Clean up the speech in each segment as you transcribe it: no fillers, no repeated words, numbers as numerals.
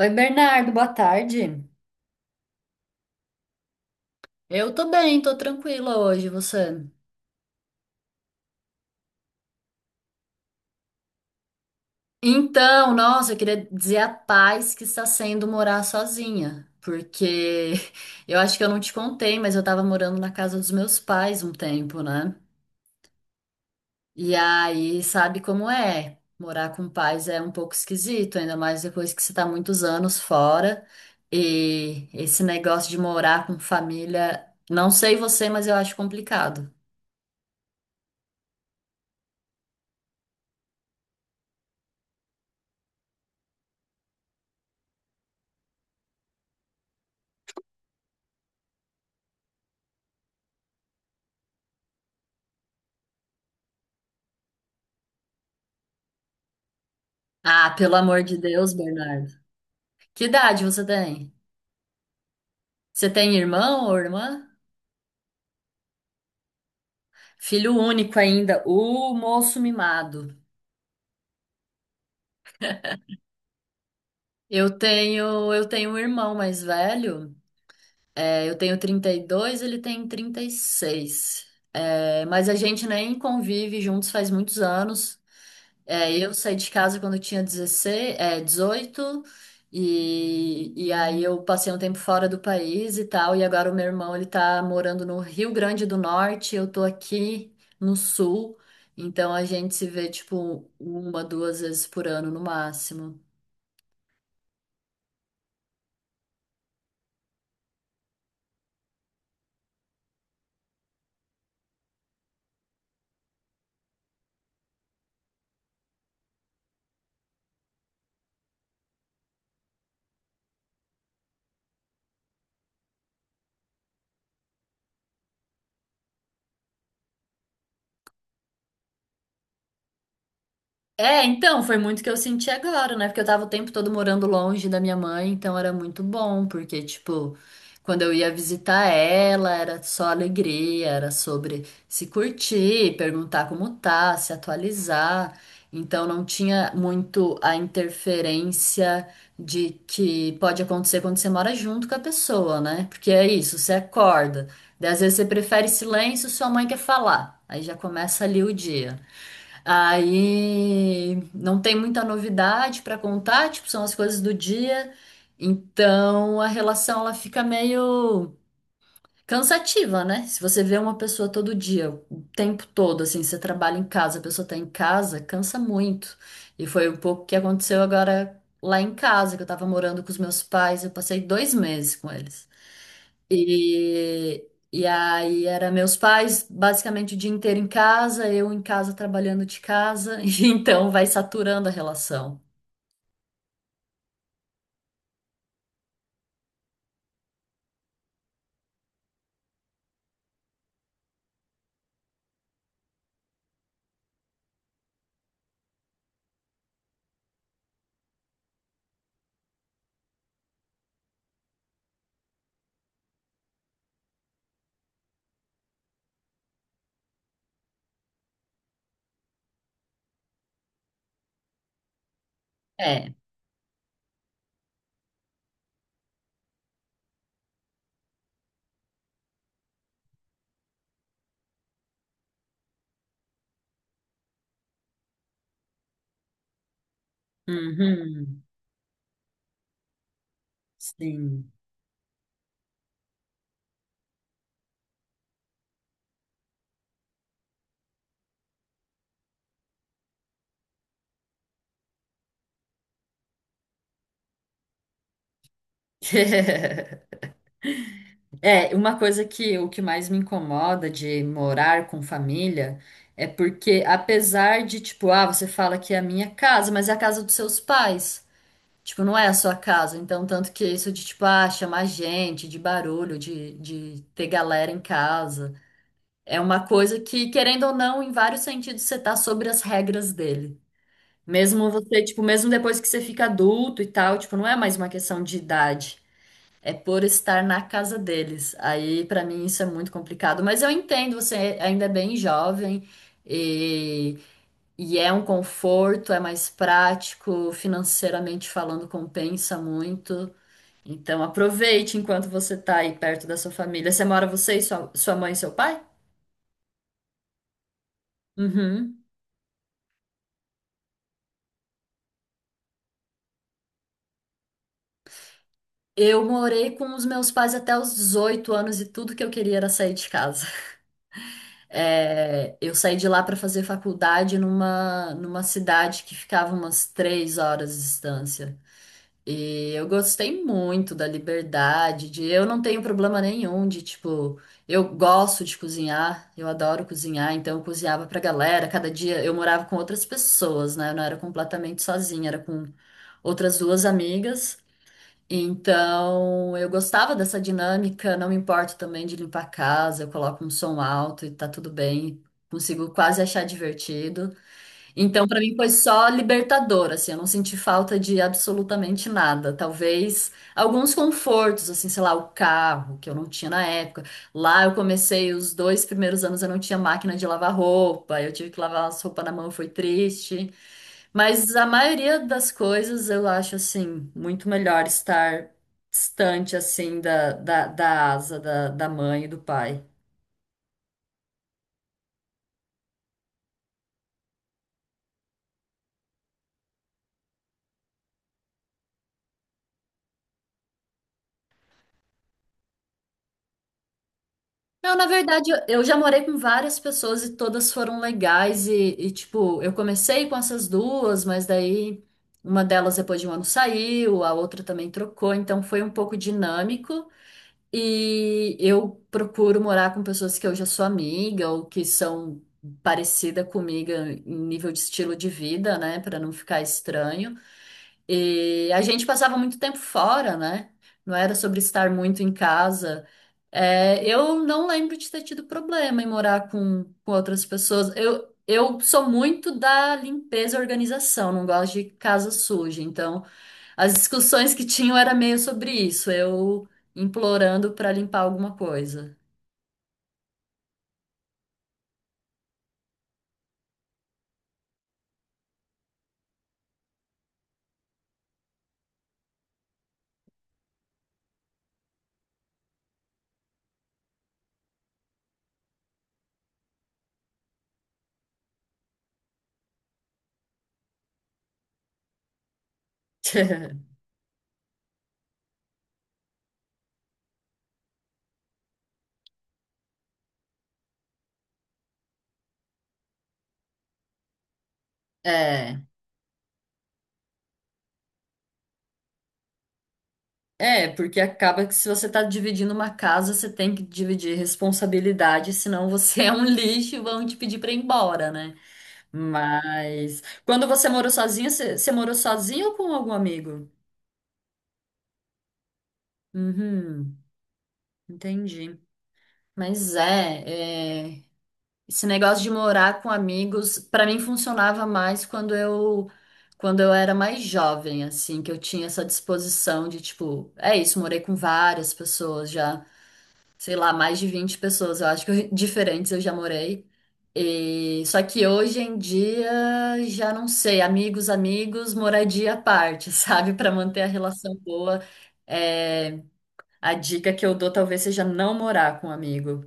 Oi, Bernardo, boa tarde. Eu tô bem, tô tranquila hoje, você? Então, nossa, eu queria dizer a paz que está sendo morar sozinha, porque eu acho que eu não te contei, mas eu tava morando na casa dos meus pais um tempo, né? E aí, sabe como é? Morar com pais é um pouco esquisito, ainda mais depois que você tá muitos anos fora. E esse negócio de morar com família, não sei você, mas eu acho complicado. Ah, pelo amor de Deus, Bernardo. Que idade você tem? Você tem irmão ou irmã? Filho único ainda, o moço mimado. Eu tenho um irmão mais velho. É, eu tenho 32, ele tem 36. É, mas a gente nem convive juntos faz muitos anos. É, eu saí de casa quando eu tinha 16, 18, e aí eu passei um tempo fora do país e tal, e agora o meu irmão, ele tá morando no Rio Grande do Norte, eu tô aqui no Sul, então a gente se vê, tipo, uma, duas vezes por ano no máximo. É, então, foi muito que eu senti agora, né? Porque eu tava o tempo todo morando longe da minha mãe, então era muito bom, porque, tipo, quando eu ia visitar ela, era só alegria, era sobre se curtir, perguntar como tá, se atualizar. Então não tinha muito a interferência de que pode acontecer quando você mora junto com a pessoa, né? Porque é isso, você acorda. Daí às vezes você prefere silêncio, sua mãe quer falar. Aí já começa ali o dia. Aí não tem muita novidade para contar, tipo, são as coisas do dia. Então a relação ela fica meio cansativa, né? Se você vê uma pessoa todo dia, o tempo todo, assim, você trabalha em casa, a pessoa tá em casa, cansa muito. E foi um pouco o que aconteceu agora lá em casa, que eu tava morando com os meus pais, eu passei 2 meses com eles. E aí era meus pais basicamente o dia inteiro em casa, eu em casa trabalhando de casa, e então vai saturando a relação. É. Uhum. Sim. É, uma coisa que o que mais me incomoda de morar com família é porque apesar de tipo, ah, você fala que é a minha casa, mas é a casa dos seus pais. Tipo, não é a sua casa. Então, tanto que isso de, tipo, ah, chamar gente, de barulho, de ter galera em casa, é uma coisa que, querendo ou não, em vários sentidos, você tá sobre as regras dele. Mesmo você, tipo, mesmo depois que você fica adulto e tal, tipo, não é mais uma questão de idade. É por estar na casa deles. Aí, pra mim, isso é muito complicado. Mas eu entendo, você ainda é bem jovem e, e é um conforto, é mais prático, financeiramente falando, compensa muito. Então aproveite enquanto você tá aí perto da sua família. Você mora você e sua mãe e seu pai? Uhum. Eu morei com os meus pais até os 18 anos e tudo que eu queria era sair de casa. É, eu saí de lá para fazer faculdade numa cidade que ficava umas 3 horas de distância. E eu gostei muito da liberdade, de eu não tenho problema nenhum de tipo, eu gosto de cozinhar, eu adoro cozinhar, então eu cozinhava pra galera, cada dia eu morava com outras pessoas, né? Eu não era completamente sozinha, era com outras duas amigas. Então, eu gostava dessa dinâmica, não me importo também de limpar a casa, eu coloco um som alto e tá tudo bem, consigo quase achar divertido. Então, para mim foi só libertador, assim, eu não senti falta de absolutamente nada. Talvez alguns confortos, assim, sei lá, o carro, que eu não tinha na época. Lá eu comecei os dois primeiros anos, eu não tinha máquina de lavar roupa, eu tive que lavar as roupas na mão, foi triste. Mas a maioria das coisas eu acho, assim, muito melhor estar distante, assim, da asa da mãe e do pai. Não, na verdade, eu já morei com várias pessoas e todas foram legais. E, tipo, eu comecei com essas duas, mas daí uma delas depois de um ano saiu, a outra também trocou, então foi um pouco dinâmico. E eu procuro morar com pessoas que eu já sou amiga ou que são parecida comigo em nível de estilo de vida, né, pra não ficar estranho. E a gente passava muito tempo fora, né? Não era sobre estar muito em casa. É, eu não lembro de ter tido problema em morar com, outras pessoas. Eu sou muito da limpeza e organização, não gosto de casa suja. Então, as discussões que tinham era meio sobre isso, eu implorando para limpar alguma coisa. É. É, porque acaba que se você tá dividindo uma casa, você tem que dividir responsabilidade, senão você é um lixo e vão te pedir pra ir embora, né? Mas quando você morou sozinha, você morou sozinha ou com algum amigo? Uhum, entendi. Mas esse negócio de morar com amigos, pra mim funcionava mais quando eu era mais jovem, assim, que eu tinha essa disposição de tipo, é isso, morei com várias pessoas já. Sei lá, mais de 20 pessoas, eu acho que diferentes eu já morei. E, só que hoje em dia já não sei, amigos, amigos, moradia à parte, sabe? Para manter a relação boa. É, a dica que eu dou talvez seja não morar com um amigo.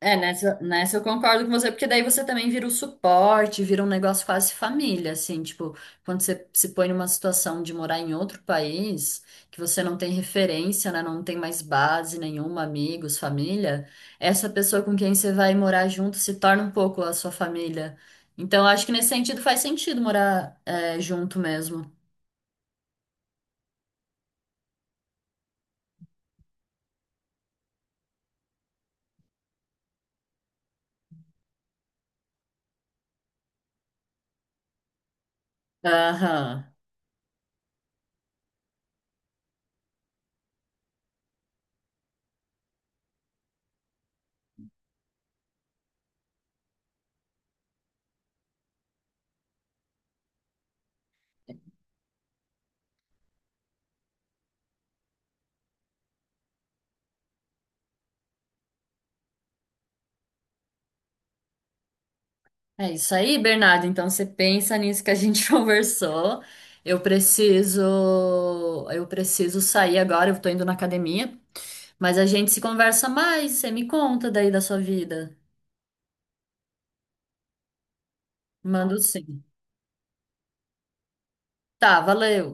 É, nessa, eu concordo com você, porque daí você também vira o suporte, vira um negócio quase família, assim, tipo, quando você se põe numa situação de morar em outro país, que você não tem referência, né, não tem mais base nenhuma, amigos, família, essa pessoa com quem você vai morar junto se torna um pouco a sua família. Então, eu acho que nesse sentido faz sentido morar, junto mesmo. Aham. É isso aí, Bernardo. Então você pensa nisso que a gente conversou. Eu preciso, eu preciso sair agora, eu tô indo na academia, mas a gente se conversa mais, você me conta daí da sua vida. Mando sim. Tá, valeu.